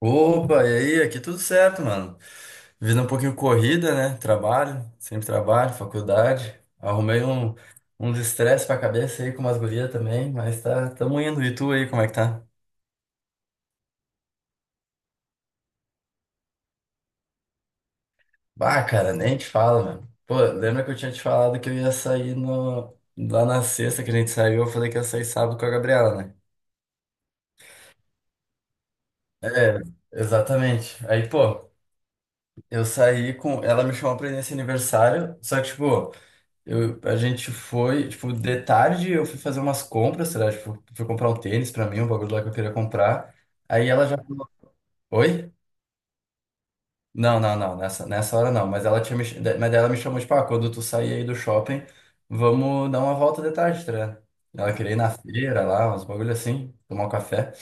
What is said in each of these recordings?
Opa, e aí? Aqui tudo certo, mano. Vida um pouquinho corrida, né? Trabalho, sempre trabalho, faculdade. Arrumei uns estresse pra cabeça aí com umas gurias também, mas tá, tamo indo. E tu aí, como é que tá? Bah, cara, nem te falo, mano. Pô, lembra que eu tinha te falado que eu ia sair no, lá na sexta que a gente saiu? Eu falei que ia sair sábado com a Gabriela, né? É, exatamente. Aí, pô, eu saí com. Ela me chamou pra ir nesse aniversário, só que, tipo. A gente foi, tipo, de tarde eu fui fazer umas compras, sei lá, tipo, fui comprar um tênis pra mim, um bagulho lá que eu queria comprar. Aí ela já falou, oi? Não, não, não, nessa hora não. Mas ela tinha me, mas daí ela me chamou, tipo, ah, quando tu sair aí do shopping, vamos dar uma volta de tarde, tá? Ligado? Ela queria ir na feira lá, uns bagulho assim, tomar um café.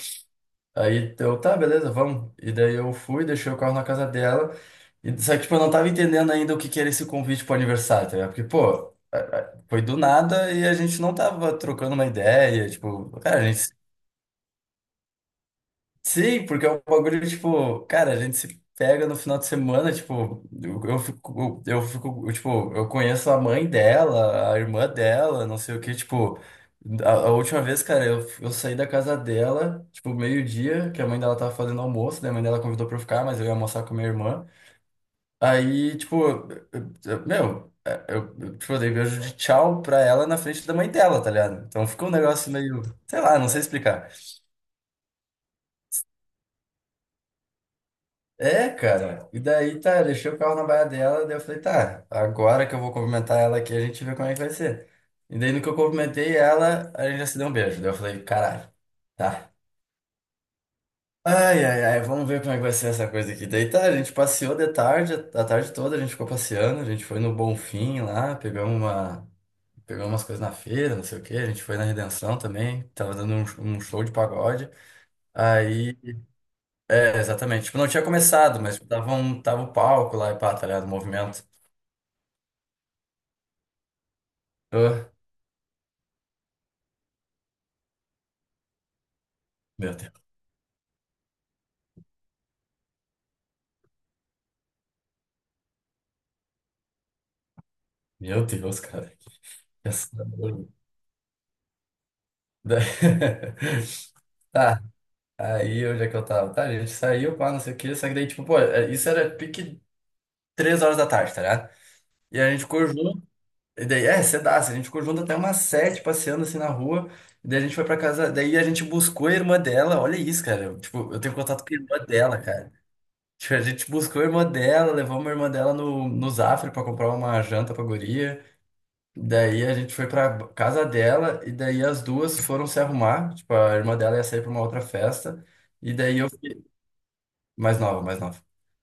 Aí eu, tá, beleza, vamos. E daí eu fui, deixei o carro na casa dela. Só que, tipo, eu não tava entendendo ainda o que que era esse convite pro aniversário, tá ligado? Porque, pô, foi do nada e a gente não tava trocando uma ideia. Tipo, cara, a gente. Sim, porque é um bagulho, tipo, cara, a gente se pega no final de semana, tipo, eu fico, tipo, eu conheço a mãe dela, a irmã dela, não sei o que, tipo, a última vez, cara, eu saí da casa dela, tipo, meio-dia, que a mãe dela tava fazendo almoço, daí a mãe dela convidou pra eu ficar, mas eu ia almoçar com a minha irmã. Aí, tipo, meu, é, tipo, eu dei beijo de tchau pra ela na frente da mãe dela, tá ligado? Então ficou um negócio meio, sei lá, não sei explicar. É, cara. E daí, tá, eu deixei o carro na baia dela, daí eu falei, tá, agora que eu vou cumprimentar ela aqui, a gente vê como é que vai ser. E daí, no que eu cumprimentei ela, a gente já se deu um beijo. Daí eu falei, caralho, tá. Ai, ai, ai, vamos ver como é que vai ser essa coisa aqui. Daí tá, a gente passeou de tarde, a tarde toda a gente ficou passeando, a gente foi no Bonfim lá, pegamos umas coisas na feira, não sei o quê, a gente foi na Redenção também, tava dando um show de pagode. Aí é, exatamente. Tipo, não tinha começado, mas tipo, tava o palco lá e pá, tá ligado? O movimento. Ah, meu Deus. Meu Deus, cara. Que pensador. Da- Tá, aí onde é que eu tava? Tá, a gente saiu, pá, não sei o que, só que daí, tipo, pô, é, isso era pique 3 horas da tarde, tá ligado? E a gente ficou junto, e daí, é, cedaço, a gente ficou junto até umas sete, passeando assim na rua, e daí a gente foi pra casa, daí a gente buscou a irmã dela, olha isso, cara, tipo, eu tenho contato com a irmã dela, cara. Tipo, a gente buscou a irmã dela, levamos a irmã dela no Zafre pra comprar uma janta pra guria. Daí a gente foi pra casa dela e daí as duas foram se arrumar. Tipo, a irmã dela ia sair pra uma outra festa. E daí eu... Mais nova, mais nova.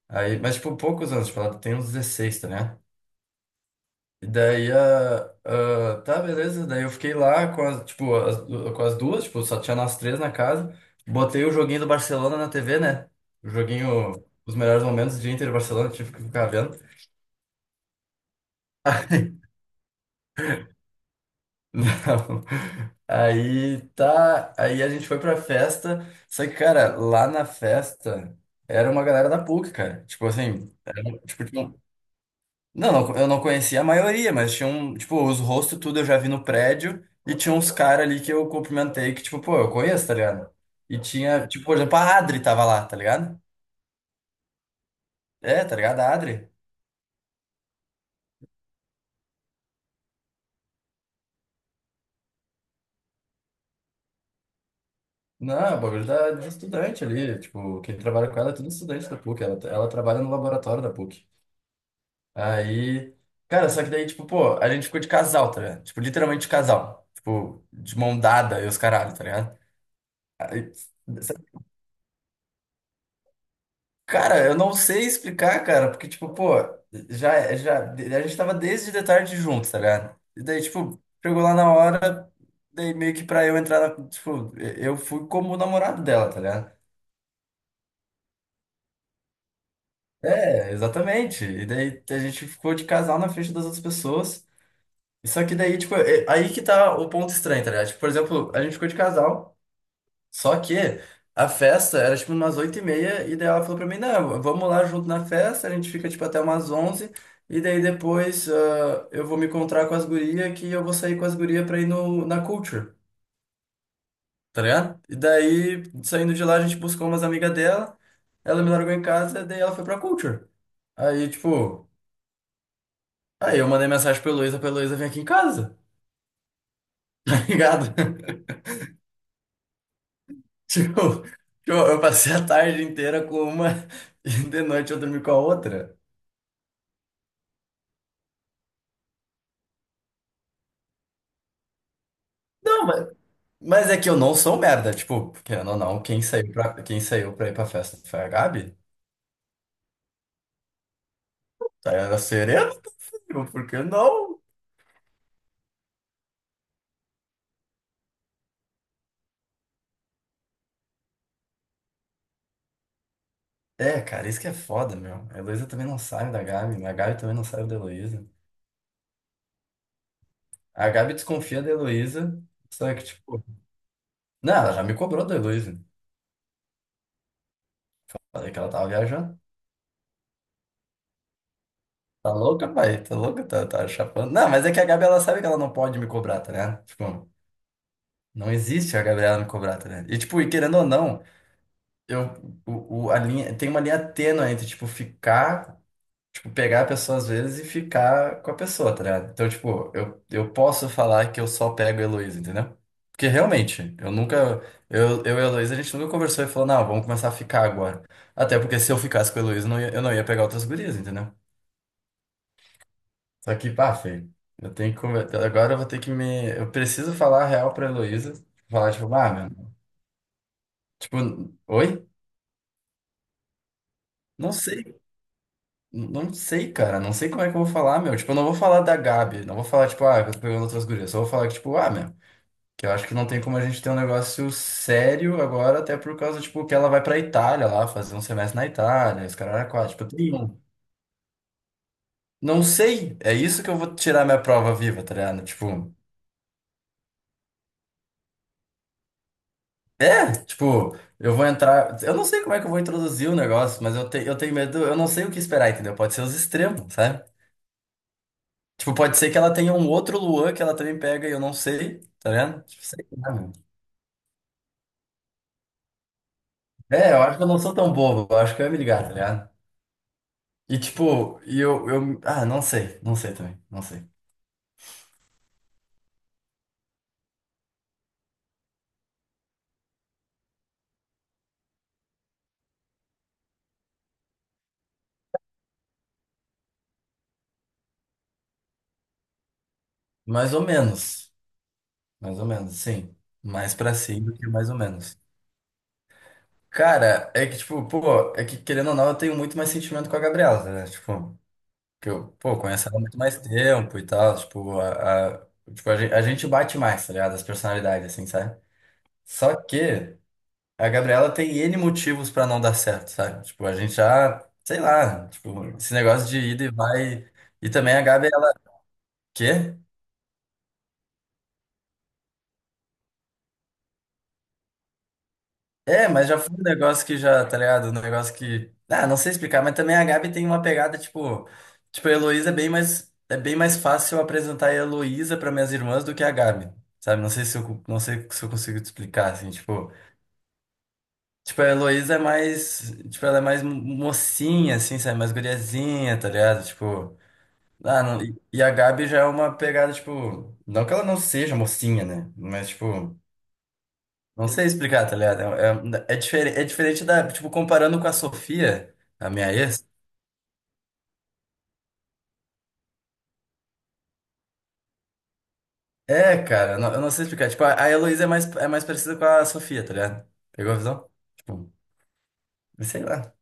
Aí, mas, tipo, poucos anos. Tipo, ela tem uns 16 tá, né? E daí, a ah tá, beleza. Daí eu fiquei lá com as, tipo, as, com as duas. Tipo, só tinha nós três na casa. Botei o joguinho do Barcelona na TV, né? O joguinho... Os melhores momentos do Inter e Barcelona, tive que ficar vendo. Não. Aí tá, aí a gente foi pra festa, só que, cara, lá na festa era uma galera da PUC, cara. Tipo assim, era, tipo, não, não, eu não conhecia a maioria, mas tinha um, tipo, os rostos tudo eu já vi no prédio e tinha uns caras ali que eu cumprimentei que, tipo, pô, eu conheço, tá ligado? E tinha, tipo, por exemplo, a Adri tava lá, tá ligado? É, tá ligado? A Adri. Não, é o bagulho de estudante ali, tipo, quem trabalha com ela é tudo estudante da PUC, ela trabalha no laboratório da PUC. Aí, cara, só que daí, tipo, pô, a gente ficou de casal, tá ligado? Tipo, literalmente de casal. Tipo, de mão dada e os caralho, tá ligado? Aí, cara, eu não sei explicar, cara, porque, tipo, pô, já, a gente tava desde de tarde juntos, tá ligado? E daí, tipo, chegou lá na hora, daí meio que pra eu entrar, tipo, eu fui como o namorado dela, tá ligado? É, exatamente. E daí a gente ficou de casal na frente das outras pessoas. Só que daí, tipo, aí que tá o ponto estranho, tá ligado? Tipo, por exemplo, a gente ficou de casal, só que a festa era, tipo, umas 8:30, e daí ela falou pra mim, não, vamos lá junto na festa, a gente fica, tipo, até umas 11, e daí depois eu vou me encontrar com as gurias, que eu vou sair com as gurias pra ir no, na Culture, tá ligado? E daí, saindo de lá, a gente buscou umas amigas dela, ela me largou em casa, daí ela foi pra Culture. Aí, tipo, aí eu mandei mensagem pra Heloísa vir aqui em casa, tá ligado? Tipo, eu passei a tarde inteira com uma e de noite eu dormi com a outra. Não, mas é que eu não sou merda. Tipo, querendo ou não, quem saiu pra ir pra festa foi a Gabi. Tá, era sereno, meu, por que não? É, cara, isso que é foda, meu. A Heloísa também não sabe da Gabi, a Gabi também não sabe da Heloísa. A Gabi desconfia da Heloísa, só que, tipo, não, ela já me cobrou da Heloísa. Falei que ela tava viajando. Tá louca, pai? Tá louca? Tá, tá chapando. Não, mas é que a Gabi, ela sabe que ela não pode me cobrar, tá ligado? Tipo. Não existe a Gabriela Nicobrato, né? E, tipo, e querendo ou não, eu, a linha, tem uma linha tênue entre, tipo, ficar, tipo, pegar a pessoa às vezes e ficar com a pessoa, tá ligado? Então, tipo, eu posso falar que eu só pego a Heloísa, entendeu? Porque realmente, eu nunca, eu e a Heloísa, a gente nunca conversou e falou, não, vamos começar a ficar agora. Até porque se eu ficasse com a Heloísa, eu não ia pegar outras gurias, entendeu? Só que, pá, feio. Eu tenho que agora eu vou ter que me. Eu preciso falar a real pra Heloísa. Falar, tipo, ah, meu. Tipo, oi? Não sei, não sei, cara, não sei como é que eu vou falar, meu. Tipo, eu não vou falar da Gabi, não vou falar, tipo, ah, que eu tô pegando outras gurias. Só vou falar que, tipo, ah, meu, que eu acho que não tem como a gente ter um negócio sério agora, até por causa, tipo, que ela vai pra Itália lá, fazer um semestre na Itália, os caras quatro. Tipo, tem um. Não sei, é isso que eu vou tirar minha prova viva, tá ligado? Tipo, é, tipo, eu vou entrar. Eu não sei como é que eu vou introduzir o negócio, mas eu tenho medo, eu não sei o que esperar, entendeu? Pode ser os extremos, sabe? Tipo, pode ser que ela tenha um outro Luan que ela também pega e eu não sei, tá vendo? Tipo, sei lá, meu. É, eu acho que eu não sou tão bobo, eu acho que eu ia me ligar, tá ligado? E tipo, e eu, eu. Ah, não sei, não sei também, não sei. Mais ou menos, mais ou menos, sim. Mais pra sim do que mais ou menos. Cara, é que tipo, pô, é que querendo ou não, eu tenho muito mais sentimento com a Gabriela, tá ligado? Tipo, que eu, pô, conheço ela há muito mais tempo e tal, tipo, tipo, a gente bate mais, tá ligado? As personalidades, assim, sabe? Só que. A Gabriela tem N motivos pra não dar certo, sabe? Tipo, a gente já, sei lá, tipo, esse negócio de ida e vai. E também a Gabi, ela. Quê? É, mas já foi um negócio que já, tá ligado? Um negócio que. Ah, não sei explicar, mas também a Gabi tem uma pegada, tipo. Tipo, a Heloísa é bem mais. É bem mais fácil eu apresentar a Heloísa pra minhas irmãs do que a Gabi, sabe? Não sei se eu consigo te explicar, assim, tipo. Tipo, a Heloísa é mais. Tipo, ela é mais mocinha, assim, sabe? Mais guriazinha, tá ligado? Tipo. Ah, não, e a Gabi já é uma pegada, tipo, não que ela não seja mocinha, né? Mas, tipo, não sei explicar, tá ligado? É diferente da, tipo, comparando com a Sofia, a minha ex. É, cara, eu não sei explicar. Tipo, a Heloísa é mais parecida com a Sofia, tá ligado? Pegou a visão? Tipo, sei lá.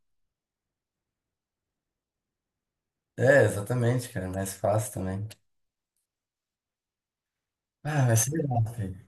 É, exatamente, cara, é mais fácil também. Ah, mas sei lá, filho.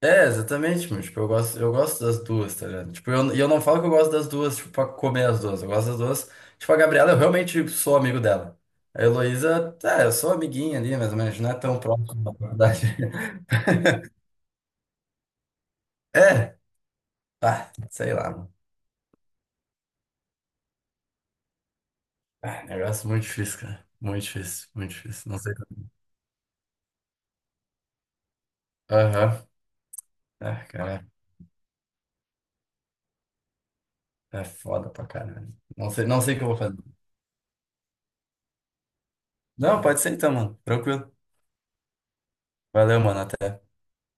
É, exatamente, mas, tipo, eu gosto das duas, tá ligado? Tipo, e eu não falo que eu gosto das duas, tipo, pra comer as duas. Eu gosto das duas. Tipo, a Gabriela, eu realmente sou amigo dela. A Heloísa, tá, eu sou amiguinha ali, mas não é tão próximo da faculdade. É, ah, sei lá, mano. Ah, negócio muito difícil, cara. Muito difícil, muito difícil. Não sei. Aham. Ah, cara, é foda pra caralho. Não sei, não sei o que eu vou fazer. Não, pode ser então, mano. Tranquilo. Valeu, mano. Até.